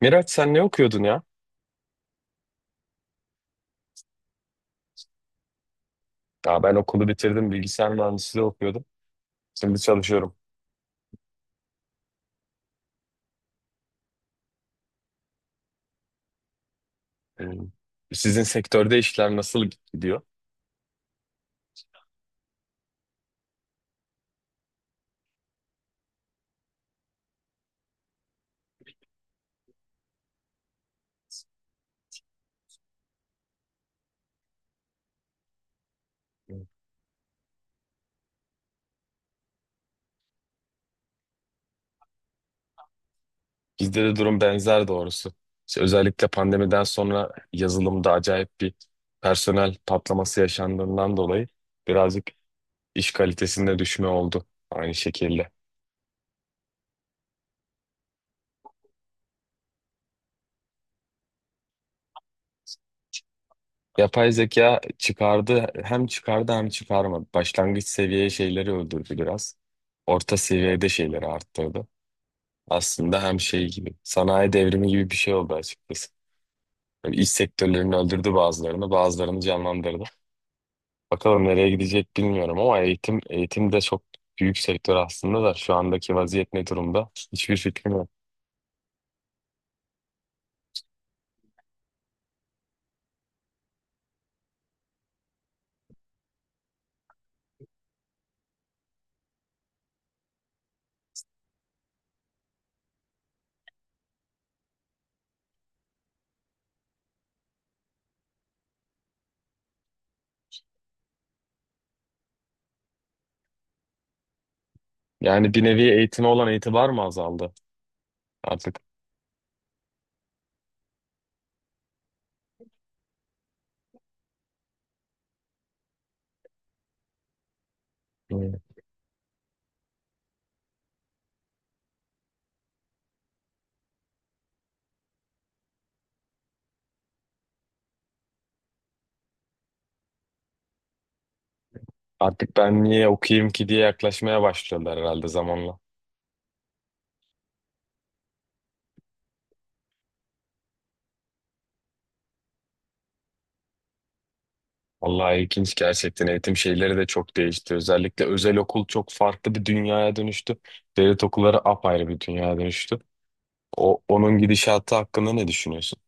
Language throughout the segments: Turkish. Miraç sen ne okuyordun ya? Aa, ben okulu bitirdim, bilgisayar mühendisliği okuyordum. Şimdi çalışıyorum. Hmm. Sizin sektörde işler nasıl gidiyor? Hmm. Bizde de durum benzer doğrusu. İşte özellikle pandemiden sonra yazılımda acayip bir personel patlaması yaşandığından dolayı birazcık iş kalitesinde düşme oldu aynı şekilde. Yapay zeka çıkardı, hem çıkardı hem çıkarmadı. Başlangıç seviye şeyleri öldürdü biraz. Orta seviyede şeyleri arttırdı. Aslında hem şey gibi sanayi devrimi gibi bir şey oldu açıkçası. Böyle iş sektörlerini öldürdü bazılarını, bazılarını canlandırdı. Bakalım nereye gidecek bilmiyorum ama eğitim de çok büyük sektör aslında da şu andaki vaziyet ne durumda? Hiçbir fikrim yok. Yani bir nevi eğitime olan itibar mı azaldı artık? Hmm. Artık ben niye okuyayım ki diye yaklaşmaya başlıyorlar herhalde zamanla. Vallahi ilginç gerçekten eğitim şeyleri de çok değişti. Özellikle özel okul çok farklı bir dünyaya dönüştü. Devlet okulları apayrı bir dünyaya dönüştü. Onun gidişatı hakkında ne düşünüyorsun?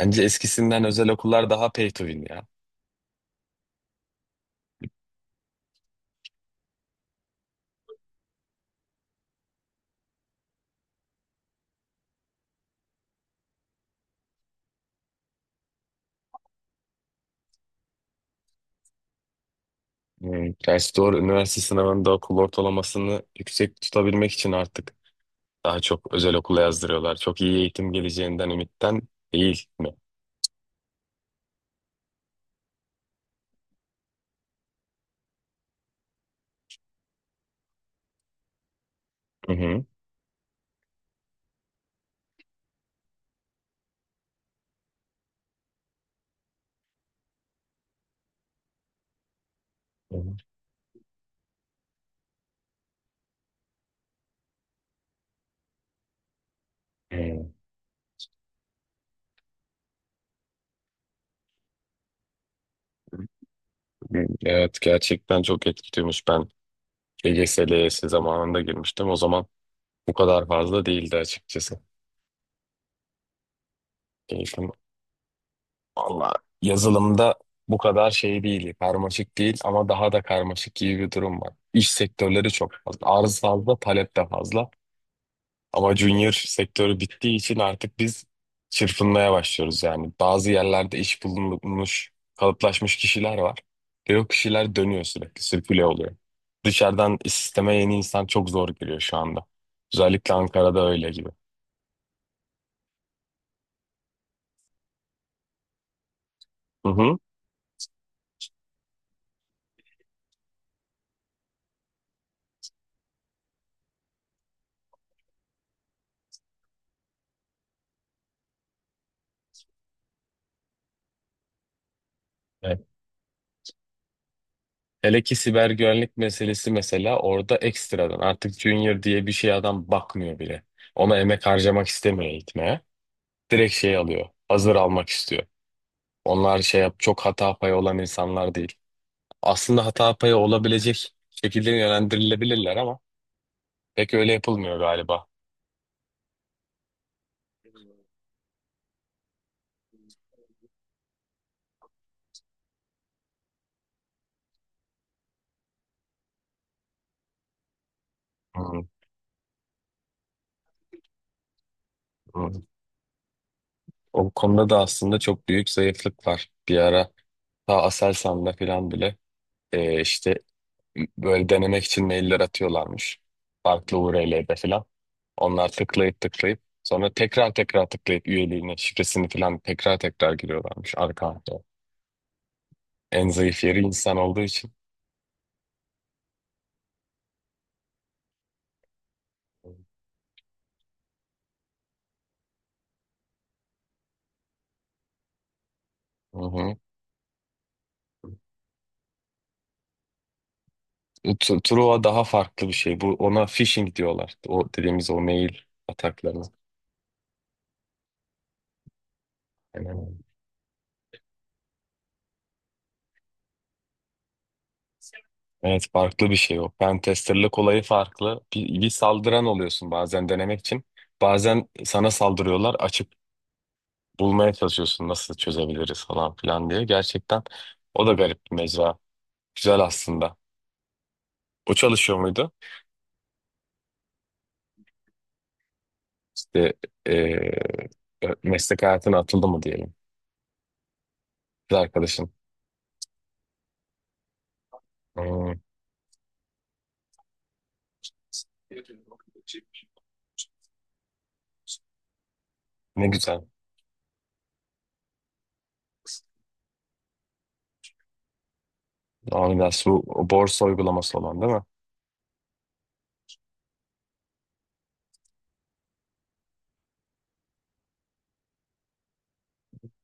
Bence eskisinden özel okullar daha pay to win ya. Hmm. Gerçi doğru, üniversite sınavında okul ortalamasını yüksek tutabilmek için artık daha çok özel okula yazdırıyorlar. Çok iyi eğitim geleceğinden ümitten değil mi? Hı hı. Hı. Evet gerçekten çok etkiliyormuş. Ben LGS, LYS zamanında girmiştim. O zaman bu kadar fazla değildi açıkçası. Eğitim. Valla yazılımda bu kadar şey değil, karmaşık değil ama daha da karmaşık gibi bir durum var. İş sektörleri çok fazla, arz fazla, talep de fazla. Ama junior sektörü bittiği için artık biz çırpınmaya başlıyoruz yani. Bazı yerlerde iş bulunmuş, kalıplaşmış kişiler var. Ve o kişiler dönüyor sürekli, sirküle oluyor. Dışarıdan sisteme yeni insan çok zor giriyor şu anda. Özellikle Ankara'da öyle gibi. Hı hı. Hele ki siber güvenlik meselesi mesela, orada ekstradan artık junior diye bir şey adam bakmıyor bile. Ona emek harcamak istemiyor eğitmeye. Direkt şey alıyor. Hazır almak istiyor. Onlar şey yap, çok hata payı olan insanlar değil. Aslında hata payı olabilecek şekilde yönlendirilebilirler ama pek öyle yapılmıyor galiba. Hmm, hmm. O konuda da aslında çok büyük zayıflık var. Bir ara ta Aselsan'da falan bile işte böyle denemek için mailler atıyorlarmış. Farklı URL'de falan. Onlar tıklayıp tıklayıp sonra tekrar tıklayıp üyeliğini, şifresini falan tekrar giriyorlarmış arka arkaya. En zayıf yeri insan olduğu için. Hı hı. Truva daha farklı bir şey. Bu ona phishing diyorlar. O dediğimiz o mail ataklarına. Aynen, öyle. Evet farklı bir şey o. Pentesterlık olayı farklı. Bir saldıran oluyorsun bazen denemek için. Bazen sana saldırıyorlar. Açık bulmaya çalışıyorsun, nasıl çözebiliriz falan filan diye. Gerçekten o da garip bir mecra. Güzel aslında. O çalışıyor muydu? İşte eee, meslek hayatına atıldı mı diyelim. Kız arkadaşın. Hmm, ne güzel. Amigas bu borsa uygulaması olan değil mi?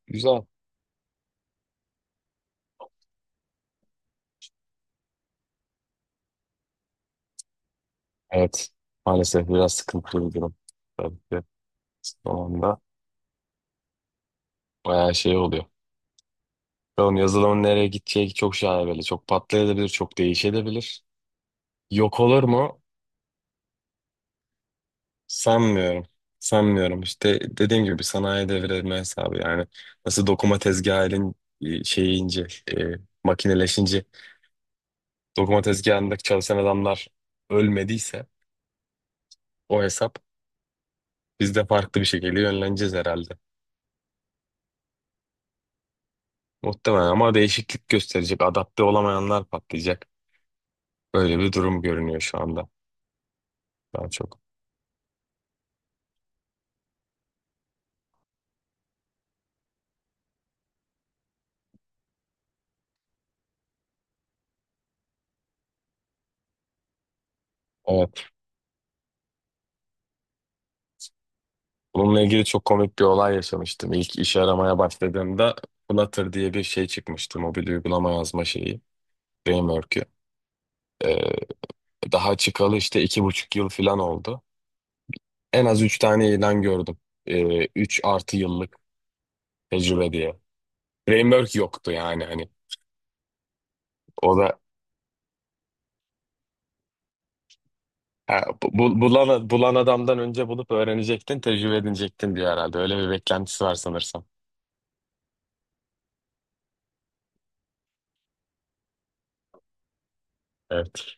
Güzel. Evet. Maalesef biraz sıkıntılı bir durum. Tabii ki sonunda bayağı şey oluyor. Bakalım yazılımın nereye gideceği çok şaibeli. Çok patlayabilir, çok değişebilir. Yok olur mu? Sanmıyorum. Sanmıyorum. İşte dediğim gibi sanayi devrilme hesabı yani. Nasıl dokuma tezgahı elin şeyi ince, e, makineleşince dokuma tezgahındaki çalışan adamlar ölmediyse o hesap biz de farklı bir şekilde yönleneceğiz herhalde. Muhtemelen ama değişiklik gösterecek. Adapte olamayanlar patlayacak. Böyle bir durum görünüyor şu anda daha çok. Evet. Bununla ilgili çok komik bir olay yaşamıştım. İlk iş aramaya başladığımda Flutter diye bir şey çıkmıştı. Mobil uygulama yazma şeyi. Framework'ü. Ee, daha çıkalı işte iki buçuk yıl falan oldu. En az üç tane ilan gördüm. Üç artı yıllık tecrübe diye. Framework yoktu yani hani. O da ha, bulan adamdan önce bulup öğrenecektin, tecrübe edinecektin diyor herhalde. Öyle bir beklentisi var sanırsam. Evet,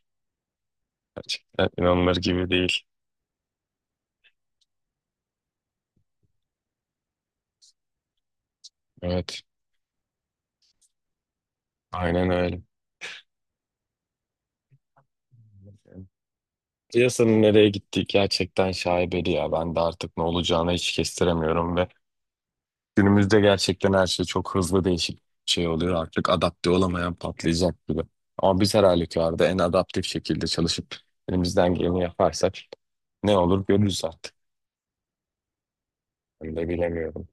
gerçekten inanılır gibi değil. Evet, aynen öyle. Piyasanın nereye gittiği gerçekten şaibeli ya. Ben de artık ne olacağını hiç kestiremiyorum. Ve günümüzde gerçekten her şey çok hızlı değişik şey oluyor. Artık adapte olamayan patlayacak gibi. Ama biz her halükarda en adaptif şekilde çalışıp elimizden geleni yaparsak ne olur görürüz artık. Ben de bilemiyorum.